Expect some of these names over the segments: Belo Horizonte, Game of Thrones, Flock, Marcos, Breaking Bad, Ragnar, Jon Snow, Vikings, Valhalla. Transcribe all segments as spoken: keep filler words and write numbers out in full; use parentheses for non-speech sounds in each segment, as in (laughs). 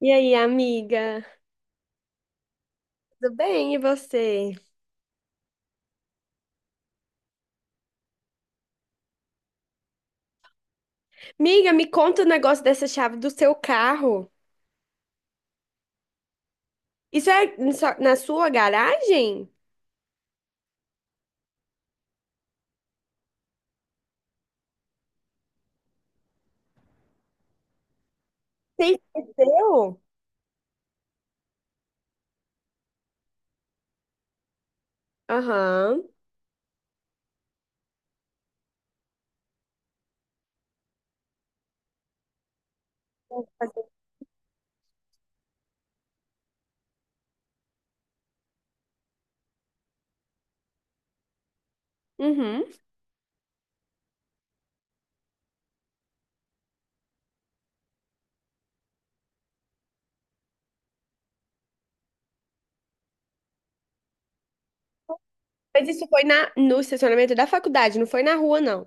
E aí, amiga? Tudo bem, e você? Amiga, me conta o negócio dessa chave do seu carro. Isso é na sua na sua garagem? Sim, é seu? Aham. Uhum. Mas isso foi na, no estacionamento da faculdade, não foi na rua, não.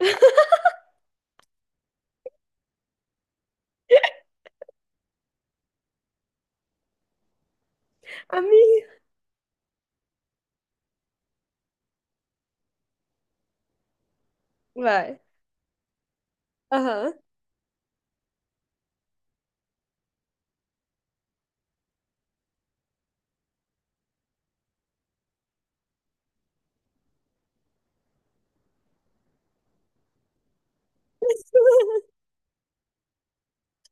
(laughs) Amiga, vai. Aham. (laughs)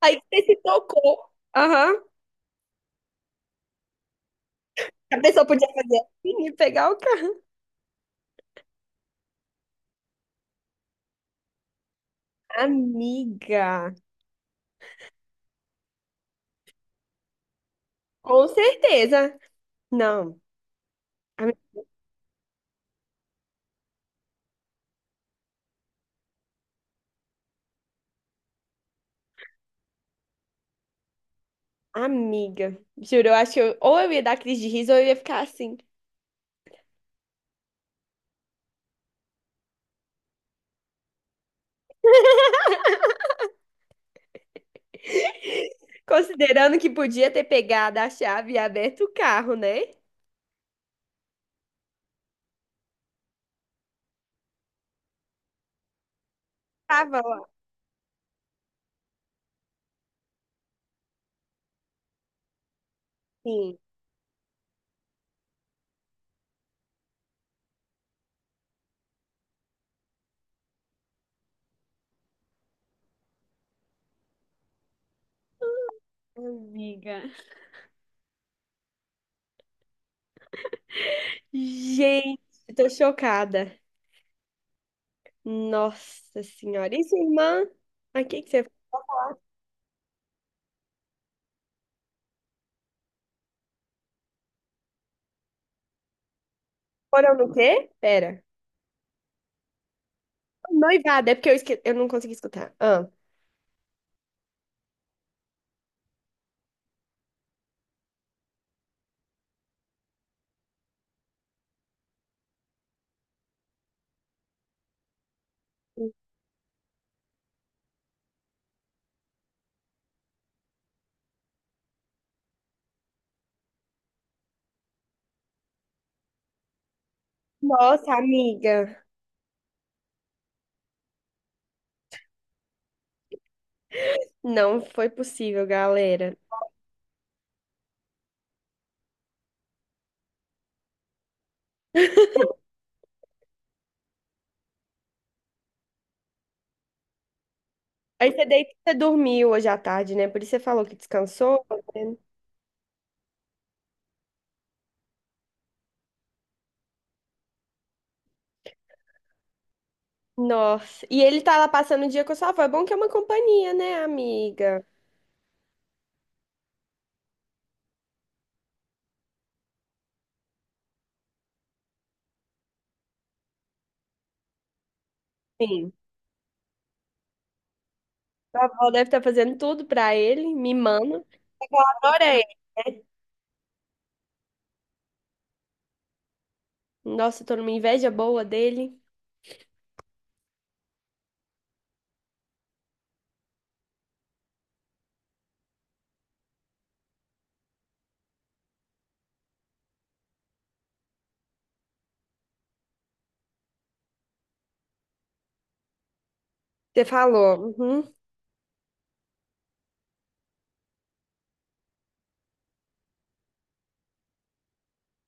Aí você se tocou. Aham. A pessoa podia fazer assim e pegar o carro. Amiga, com certeza. Não. Amiga, juro, eu acho que eu- ou eu ia dar crise de riso ou eu ia ficar assim. (laughs) Considerando que podia ter pegado a chave e aberto o carro, né? Tava lá. Sim. Amiga. Gente, eu tô chocada. Nossa senhora. E sua irmã? Aqui que que você foram no quê? Pera. Noivado, é porque eu, esque... eu não consegui escutar. Ah. Nossa, amiga. Não foi possível, galera. (laughs) Aí você deita, e você dormiu hoje à tarde, né? Por isso você falou que descansou. Né? Nossa. E ele tá lá passando o dia com a sua avó. É bom que é uma companhia, né, amiga? Sim. Sua avó deve estar fazendo tudo pra ele, mimando. Adorei. Nossa, eu tô numa inveja boa dele. Você falou. Uhum.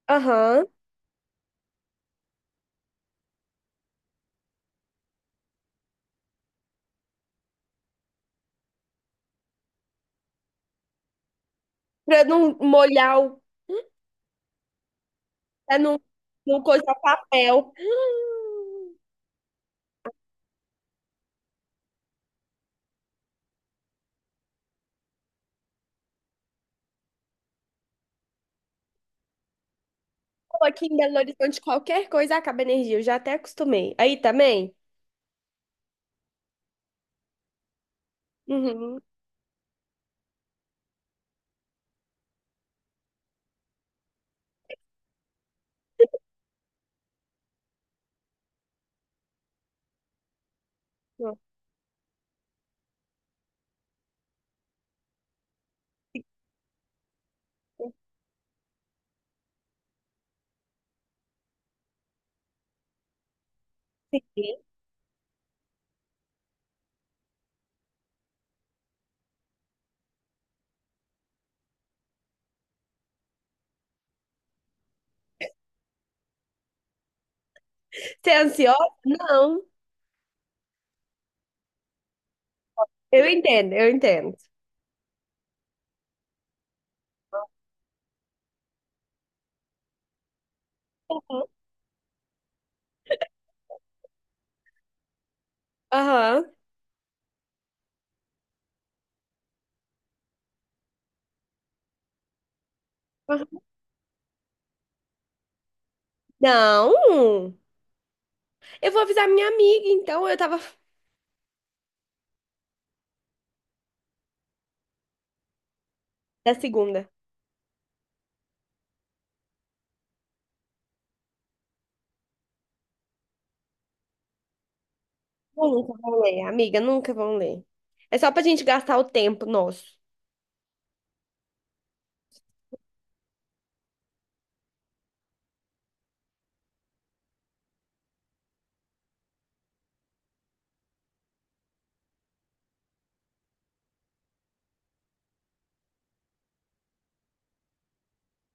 Aham. Pra não molhar o. Pra não, não coisar papel. Hum. Pô, aqui em Belo Horizonte, qualquer coisa acaba energia. Eu já até acostumei. Aí também? Uhum. Você é ansiosa? Não. Eu entendo, eu entendo. Uhum. Aham. Aham. Não. Eu vou avisar minha amiga, então. Eu tava. Da segunda. Nunca vão ler, amiga, nunca vão ler. É só pra gente gastar o tempo nosso.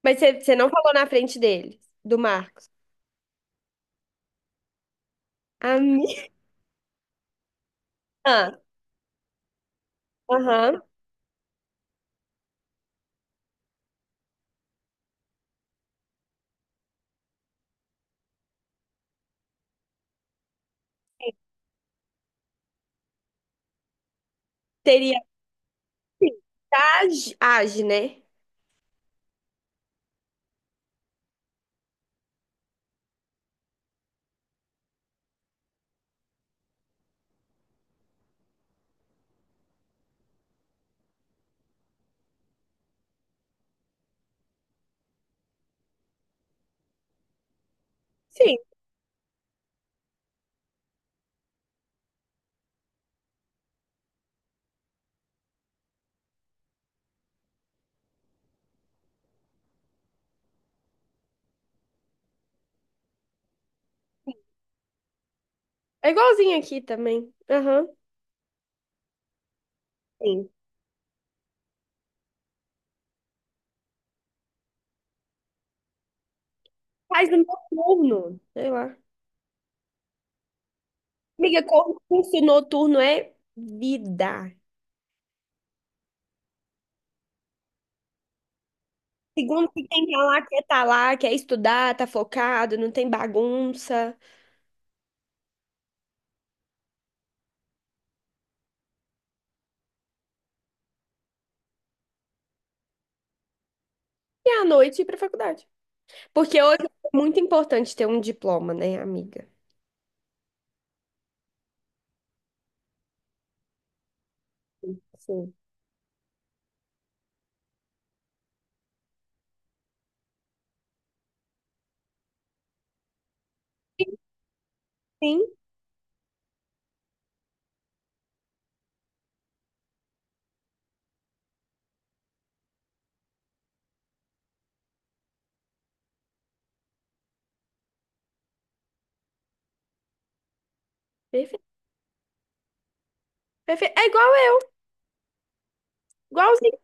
Mas você você não falou na frente dele, do Marcos. A minha. Aham. Teria. Age, age, né? Sim. É igualzinho aqui também. Aham. Sim. Faz no noturno. Sei lá. Amiga, concurso noturno é vida. Segundo que quem que lá, quer tá lá, quer estudar, tá focado, não tem bagunça. E à noite ir pra faculdade. Porque hoje é muito importante ter um diploma, né, amiga? Sim. Sim, sim. Perfeito. Perfeito. É igual eu, igualzinho.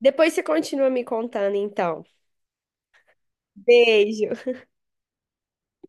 Depois você continua me contando, então. Beijo.